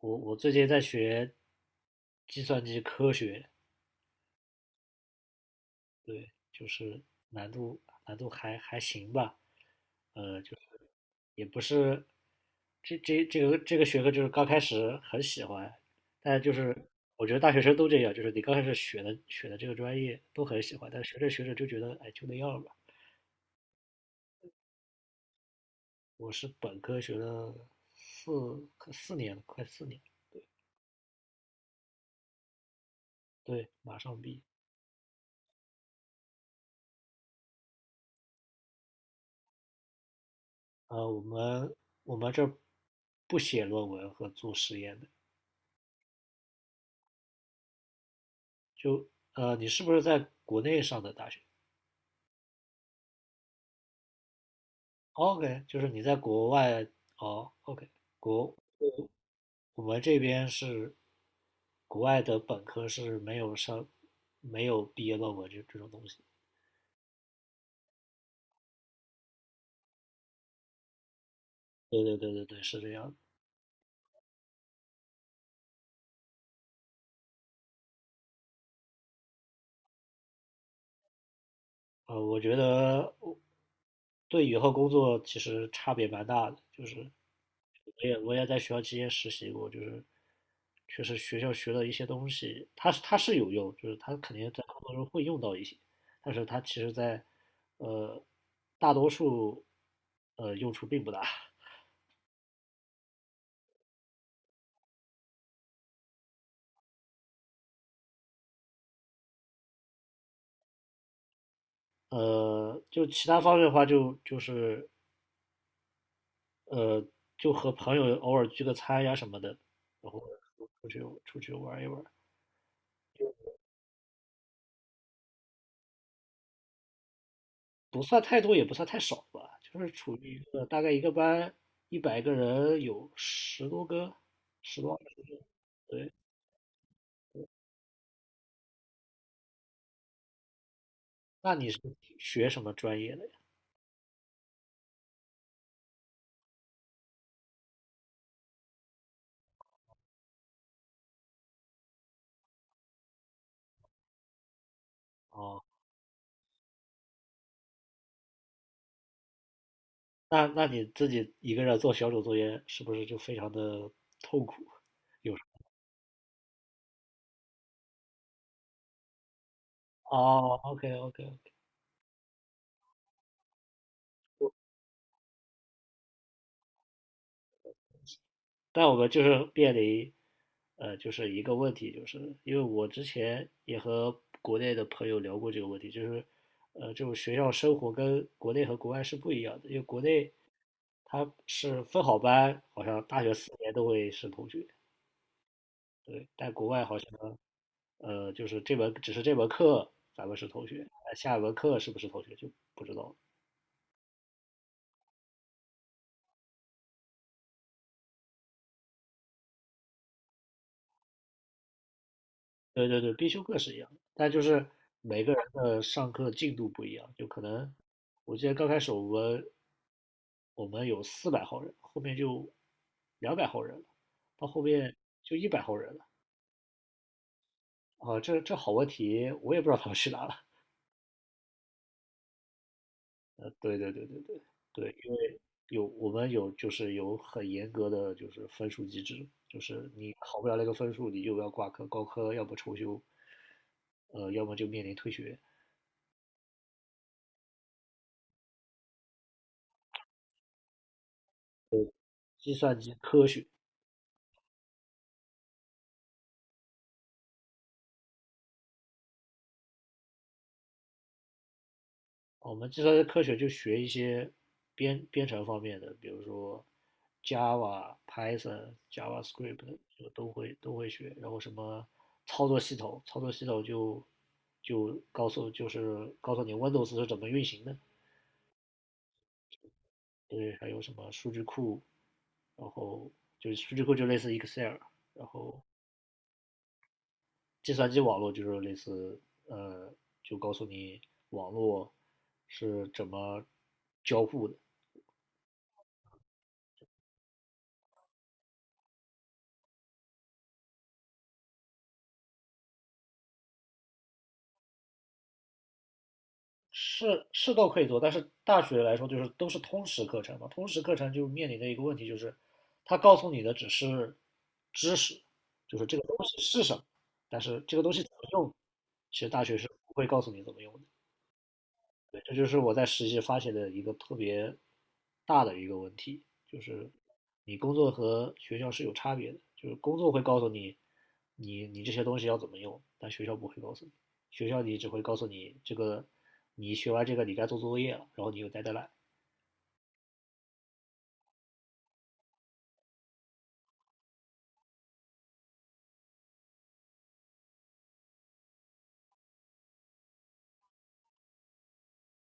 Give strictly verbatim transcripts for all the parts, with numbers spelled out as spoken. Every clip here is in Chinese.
我我最近在学计算机科学。对，就是难度难度还还行吧，呃，就是也不是，这这这个这个学科就是刚开始很喜欢，但就是我觉得大学生都这样，就是你刚开始学的学的这个专业都很喜欢，但学着学着就觉得哎就那样吧。我是本科学了四四年了，快四年，对，马上毕业。呃，我们我们这儿不写论文和做实验的。就呃，你是不是在国内上的大学？哦？OK,就是你在国外，哦，OK,国，我们这边是，国外的本科是没有上，没有毕业论文这这种东西。对对对对对是这样的。呃，我觉得我对以后工作其实差别蛮大的，就是我也我也在学校期间实习过，就是确实学校学的一些东西，它是它是有用，就是它肯定在工作中会用到一些，但是它其实在呃大多数呃用处并不大。呃，就其他方面的话就，就是呃，就和朋友偶尔聚个餐呀什么的，然后出去出去玩一玩。不算太多，也不算太少吧，就是处于一个大概一个班一百个人，有十多个，十多二十个。对。那你是学什么专业的呀？哦，那那你自己一个人做小组作业，是不是就非常的痛苦？有，哦，OK OK OK。但我们就是面临，呃，就是一个问题，就是因为我之前也和国内的朋友聊过这个问题，就是呃，就种学校生活跟国内和国外是不一样的，因为国内他是分好班，好像大学四年都会是同学。对，但国外好像呃，就是这门只是这门课咱们是同学，但下一门课是不是同学就不知道了。对对对必修课是一样的，但就是每个人的上课进度不一样，就可能我记得刚开始我们我们有四百号人，后面就两百号人了，到后面就一百号人了。啊，这这好问题，我也不知道他们去哪了。呃，对对对对对对，因为有我们有就是有很严格的就是分数机制，就是你考不了那个分数，你就要挂科、高科，要么重修，呃，要么就面临退学。计算机科学。我们计算机科学就学一些编编程方面的，比如说 Java、Python、JavaScript 就都会都会学，然后什么操作系统，操作系统就就告诉，就是告诉你 Windows 是怎么运行的。对，还有什么数据库，然后就是数据库就类似 Excel,然后计算机网络就是类似，呃，就告诉你网络是怎么交互的。是，是都可以做，但是大学来说就是都是通识课程嘛，通识课程就面临的一个问题就是，它告诉你的只是知识，就是这个东西是什么，但是这个东西怎么用，其实大学是不会告诉你怎么用的。对，这就是我在实习发现的一个特别大的一个问题，就是你工作和学校是有差别的，就是工作会告诉你，你你这些东西要怎么用，但学校不会告诉你，学校你只会告诉你这个，你学完这个你该做作业了，然后你又带 e 来。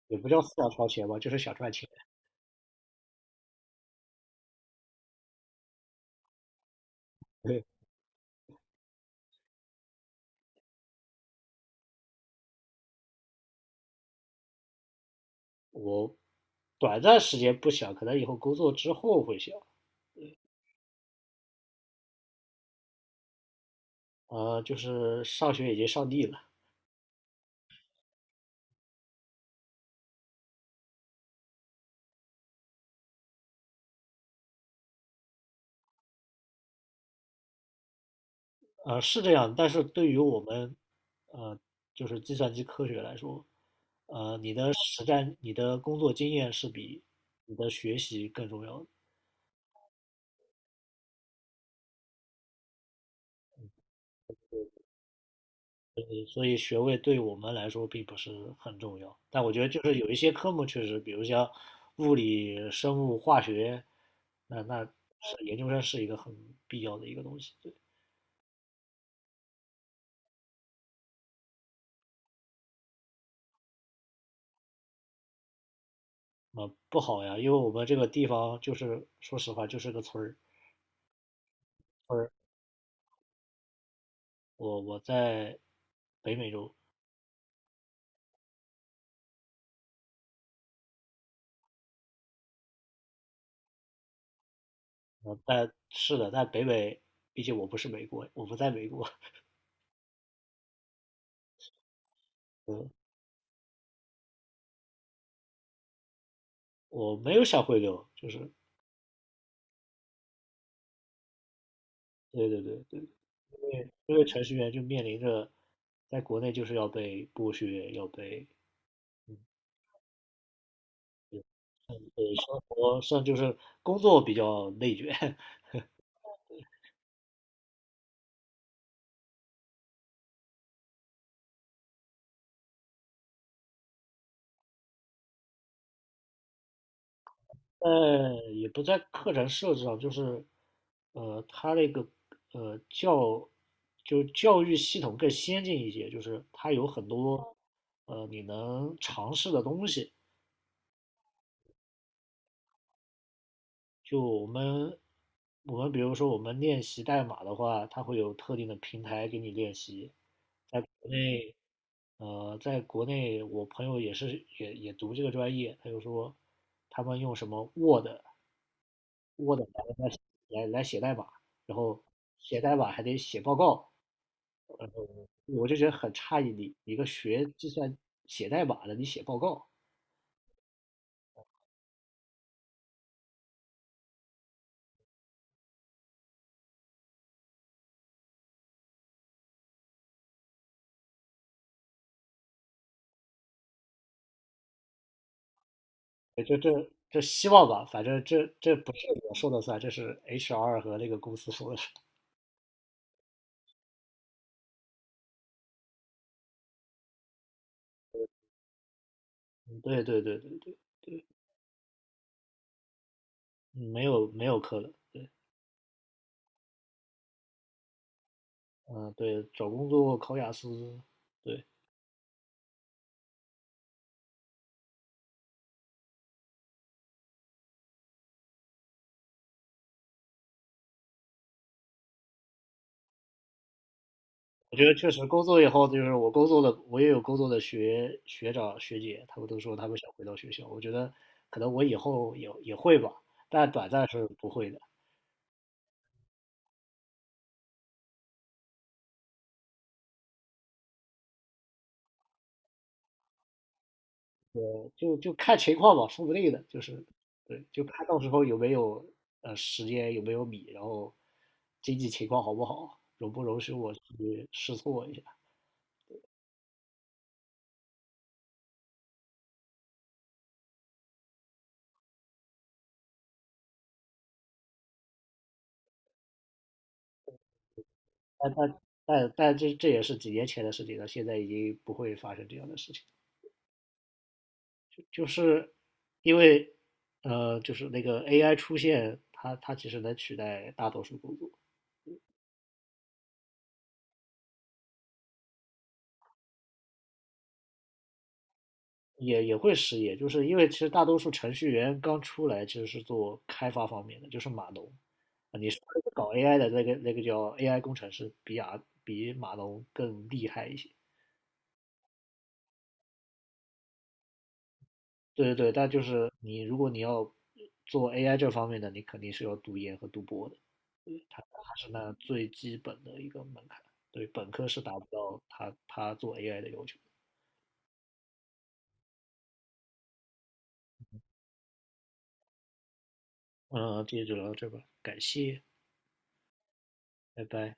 也不叫思想超前吧，就是想赚钱。对。我短暂时间不想，可能以后工作之后会想。呃，就是上学已经上腻了。呃，是这样，但是对于我们，呃，就是计算机科学来说，呃，你的实战、你的工作经验是比你的学习更重要的，所以学位对我们来说并不是很重要。但我觉得就是有一些科目确实，比如像物理、生物、化学，那那是研究生是一个很必要的一个东西。对。呃，不好呀，因为我们这个地方就是说实话就是个村儿，村儿。我我在北美洲。呃，但是的，在北美，毕竟我不是美国，我不在美国。嗯。我没有小回流，就是对对对对因为因为程序员就面临着在国内就是要被剥削，要被，嗯，对，生活上就是工作比较内卷。但也不在课程设置上，就是呃，他那个呃教就教育系统更先进一些，就是它有很多呃你能尝试的东西。就我们我们比如说我们练习代码的话，它会有特定的平台给你练习。在国内，呃，在国内我朋友也是也也读这个专业，他就说他们用什么 Word Word 来来来来写代码，然后写代码还得写报告，我就觉得很诧异，你一个学计算写代码的，你写报告？这这这希望吧，反正这这不是我说的算，这是 H R 和那个公司说的。嗯，对对对对对没有没有课了，嗯，对，找工作考雅思，对，我觉得确实工作以后，就是我工作的，我也有工作的学学长学姐，他们都说他们想回到学校，我觉得可能我以后也也会吧，但短暂是不会的。就就看情况吧，说不定的，就是对，就看到时候有没有呃时间，有没有米，然后经济情况好不好，容不容许我去试错一下。但但这这也是几年前的事情了，现在已经不会发生这样的事情，就是因为呃，就是那个 A I 出现，它它其实能取代大多数工作。也也会失业，就是因为其实大多数程序员刚出来其实是做开发方面的，就是码农啊。你是搞 A I 的，那个那个叫 A I 工程师，比啊比码农更厉害一些。对对对但就是你如果你要做 A I 这方面的，你肯定是要读研和读博的。对，它还是那最基本的一个门槛。对，本科是达不到它它做 A I 的要求。嗯，今天就聊到这吧，感谢，拜拜。